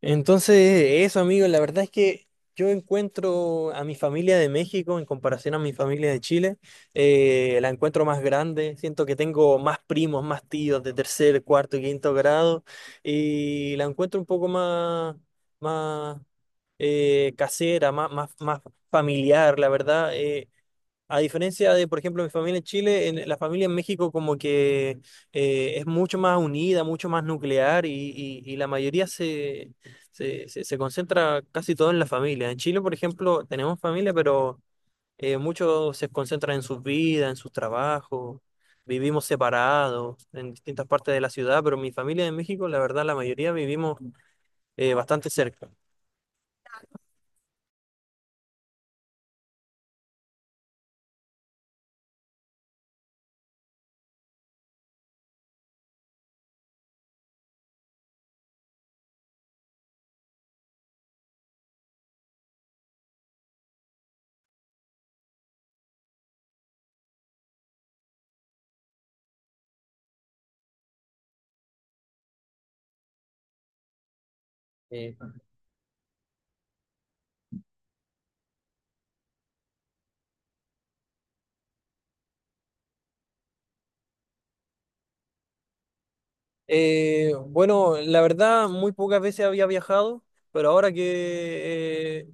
Entonces, eso, amigo, la verdad es que yo encuentro a mi familia de México en comparación a mi familia de Chile. La encuentro más grande, siento que tengo más primos, más tíos de tercer, cuarto y quinto grado, y la encuentro un poco más, más casera, más familiar, la verdad. A diferencia de, por ejemplo, mi familia en Chile, la familia en México como que es mucho más unida, mucho más nuclear y la mayoría se concentra casi todo en la familia. En Chile, por ejemplo, tenemos familia, pero muchos se concentran en sus vidas, en sus trabajos, vivimos separados en distintas partes de la ciudad, pero mi familia en México, la verdad, la mayoría vivimos bastante cerca. Bueno, la verdad, muy pocas veces había viajado, pero ahora que eh,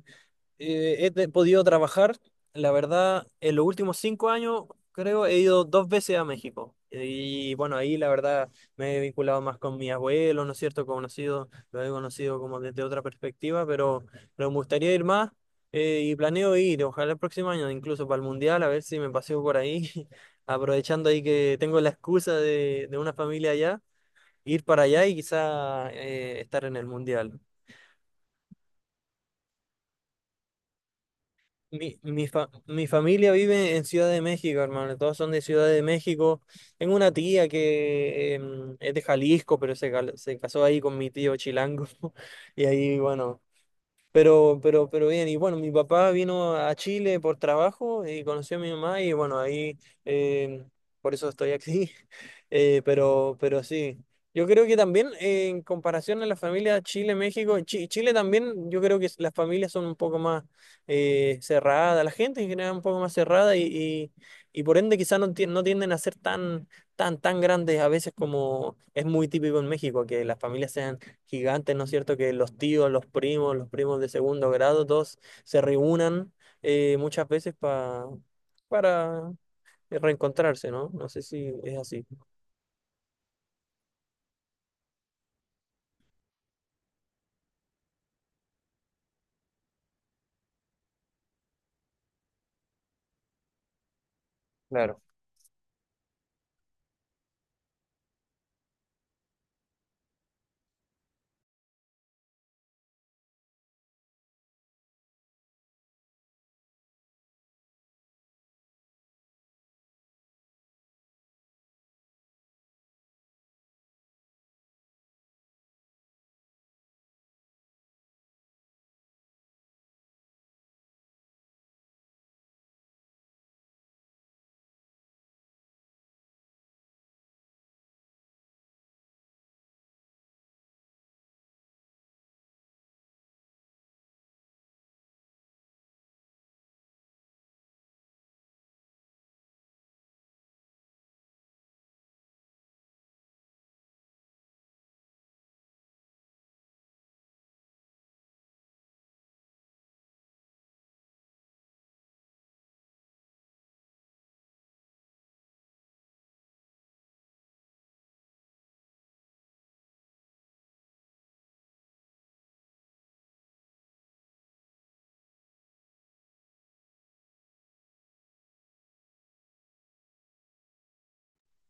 eh, he podido trabajar, la verdad, en los últimos 5 años creo he ido dos veces a México. Y bueno, ahí la verdad me he vinculado más con mi abuelo, ¿no es cierto? Conocido, lo he conocido como desde otra perspectiva, pero me gustaría ir más y planeo ir, ojalá el próximo año, incluso para el Mundial, a ver si me paseo por ahí, aprovechando ahí que tengo la excusa de una familia allá ir para allá y quizá estar en el mundial. Mi familia vive en Ciudad de México, hermano. Todos son de Ciudad de México. Tengo una tía que es de Jalisco, pero se casó ahí con mi tío chilango. Y ahí, bueno. Pero bien, y bueno, mi papá vino a Chile por trabajo y conoció a mi mamá y bueno, ahí eh, por eso estoy aquí. Pero, sí, yo creo que también en comparación a la familia Chile-México, en Chile también yo creo que las familias son un poco más cerradas, la gente en general es un poco más cerrada y por ende quizás no, no tienden a ser tan grandes a veces como es muy típico en México, que las familias sean gigantes, ¿no es cierto? Que los tíos, los primos de segundo grado, todos se reúnan muchas veces para reencontrarse, ¿no? No sé si es así.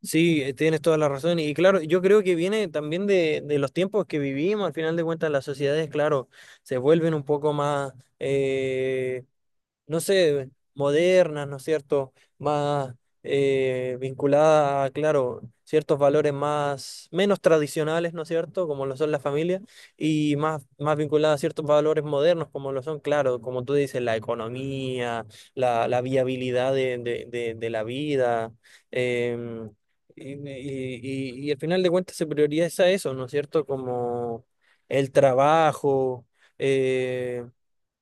Sí, tienes toda la razón. Y claro, yo creo que viene también de los tiempos que vivimos. Al final de cuentas, las sociedades, claro, se vuelven un poco más, eh, no sé, modernas, ¿no es cierto? Más vinculadas a, claro, ciertos valores más, menos tradicionales, ¿no es cierto? Como lo son las familias, y más vinculadas a ciertos valores modernos, como lo son, claro, como tú dices, la economía, la viabilidad de la vida. em, y, y, y al final de cuentas se prioriza eso, ¿no es cierto? Como el trabajo. eh,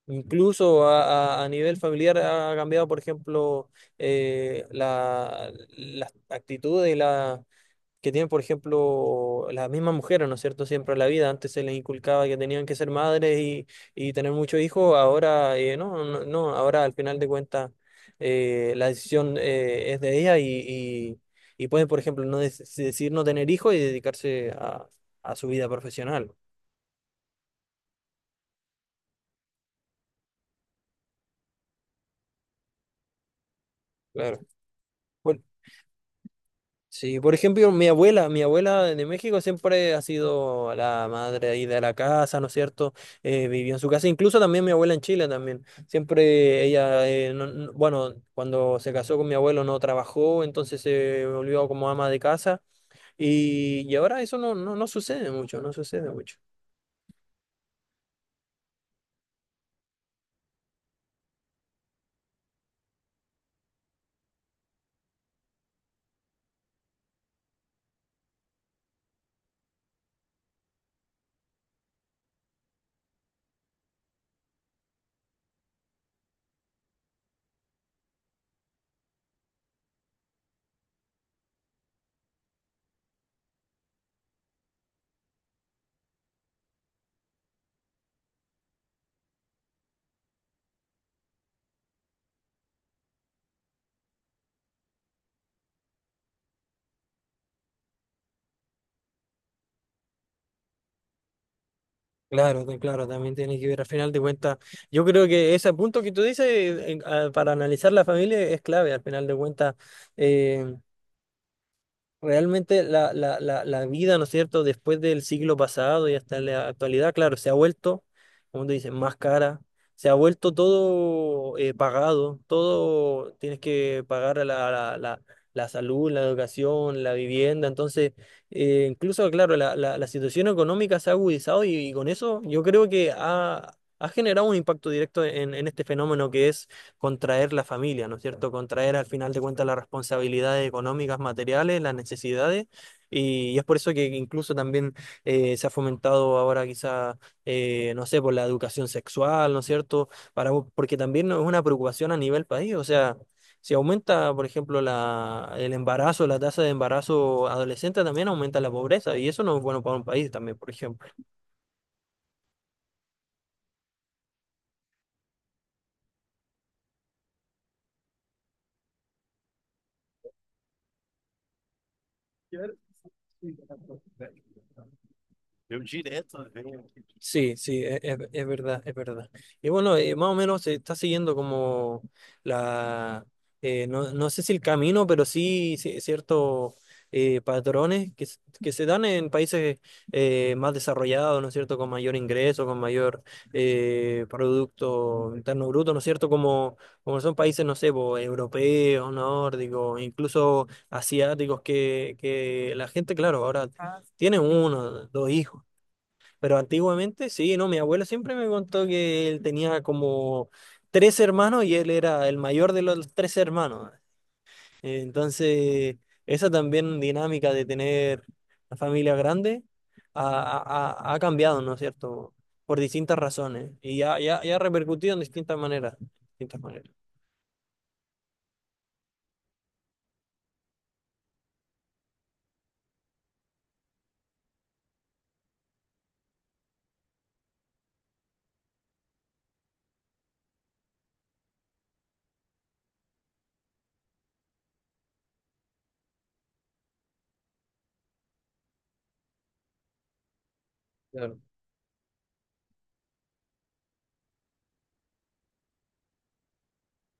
Incluso a nivel familiar ha cambiado, por ejemplo, eh, la- las actitudes que tienen, por ejemplo, las mismas mujeres, ¿no es cierto? Siempre en la vida. Antes se les inculcaba que tenían que ser madres y, tener muchos hijos. Ahora, no, no, no. Ahora, al final de cuentas, la decisión es de ellas y pueden, por ejemplo, no decidir no tener hijos y dedicarse a su vida profesional. Claro. Bueno, sí, por ejemplo, mi abuela de México siempre ha sido la madre ahí de la casa, ¿no es cierto? Vivió en su casa, incluso también mi abuela en Chile también. Siempre ella, bueno, cuando se casó con mi abuelo no trabajó, entonces se volvió como ama de casa y ahora eso no, no, no sucede mucho, no sucede mucho. Claro, también tiene que ver al final de cuentas. Yo creo que ese punto que tú dices para analizar la familia es clave al final de cuentas. Realmente la vida, ¿no es cierto?, después del siglo pasado y hasta la actualidad, claro, se ha vuelto, como tú dices, más cara, se ha vuelto todo pagado, todo tienes que pagar a la salud, la educación, la vivienda, entonces, incluso, claro, la situación económica se ha agudizado y con eso yo creo que ha generado un impacto directo en este fenómeno que es contraer la familia, ¿no es cierto? Contraer al final de cuentas las responsabilidades económicas, materiales, las necesidades. Y es por eso que incluso también se ha fomentado ahora quizá, no sé, por la educación sexual, ¿no es cierto? Para, porque también es una preocupación a nivel país, o sea. Si aumenta, por ejemplo, el embarazo, la tasa de embarazo adolescente, también aumenta la pobreza y eso no es bueno para un país también, por ejemplo. Sí, sí, es verdad, es verdad. Y bueno, más o menos se está siguiendo como la, no, no sé si el camino, pero sí, ciertos patrones que se dan en países más desarrollados, ¿no es cierto?, con mayor ingreso, con mayor Producto Interno Bruto, ¿no es cierto?, como son países, no sé, po, europeos, nórdicos, incluso asiáticos, que la gente, claro, ahora tiene uno, dos hijos. Pero antiguamente, sí, no, mi abuelo siempre me contó que él tenía como tres hermanos y él era el mayor de los tres hermanos. Entonces, esa también dinámica de tener la familia grande ha, ha cambiado, ¿no es cierto? Por distintas razones y ya ha repercutido en distintas maneras, distintas maneras.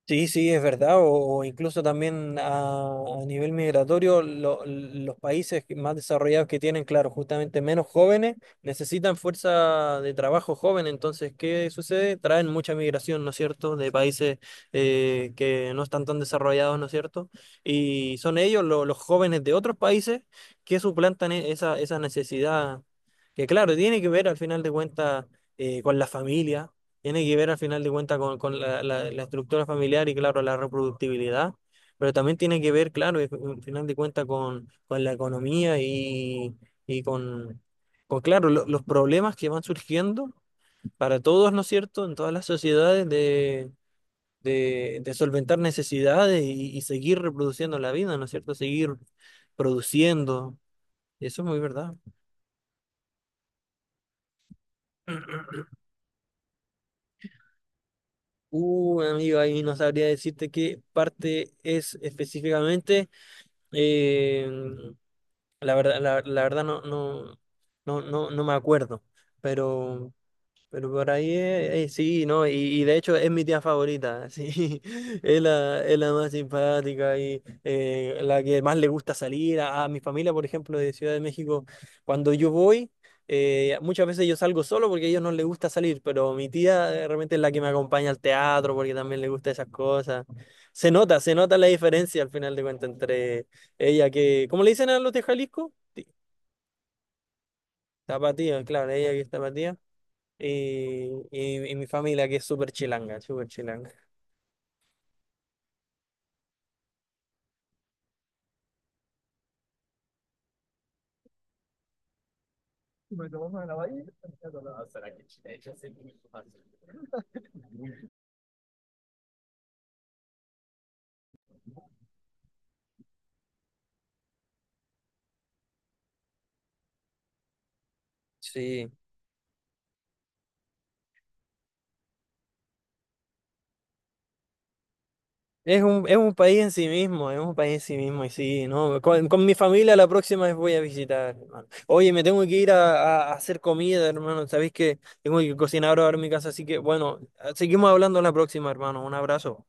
Sí, sí, es verdad, o incluso también a nivel migratorio, los países más desarrollados que tienen, claro, justamente menos jóvenes, necesitan fuerza de trabajo joven, entonces, ¿qué sucede? Traen mucha migración, ¿no es cierto?, de países que no están tan desarrollados, ¿no es cierto? Y son ellos, los jóvenes de otros países, que suplantan esa necesidad, que claro, tiene que ver al final de cuentas con la familia, tiene que ver al final de cuentas con, la estructura familiar y claro, la reproductibilidad, pero también tiene que ver, claro, y al final de cuentas con, la economía y con, claro, los problemas que van surgiendo para todos, ¿no es cierto?, en todas las sociedades de, solventar necesidades y seguir reproduciendo la vida, ¿no es cierto?, seguir produciendo. Eso es muy verdad. Amigo, ahí no sabría decirte qué parte es específicamente. Eh, la verdad, la verdad no, no me acuerdo, pero por ahí, sí, ¿no? Y de hecho es mi tía favorita, sí. Es la más simpática y la que más le gusta salir. A mi familia, por ejemplo, de Ciudad de México, cuando yo voy, muchas veces yo salgo solo porque a ellos no les gusta salir, pero mi tía realmente es la que me acompaña al teatro porque también le gusta esas cosas. Se nota la diferencia al final de cuentas entre ella que, ¿cómo le dicen a los de Jalisco? Tapatía, claro, ella que es tapatía y mi familia que es súper chilanga, súper chilanga. Sí, es un país en sí mismo, es un país en sí mismo, y sí, ¿no? Con mi familia la próxima vez voy a visitar, hermano. Oye, me tengo que ir a hacer comida, hermano, sabéis que tengo que cocinar ahora en mi casa, así que bueno, seguimos hablando la próxima, hermano. Un abrazo.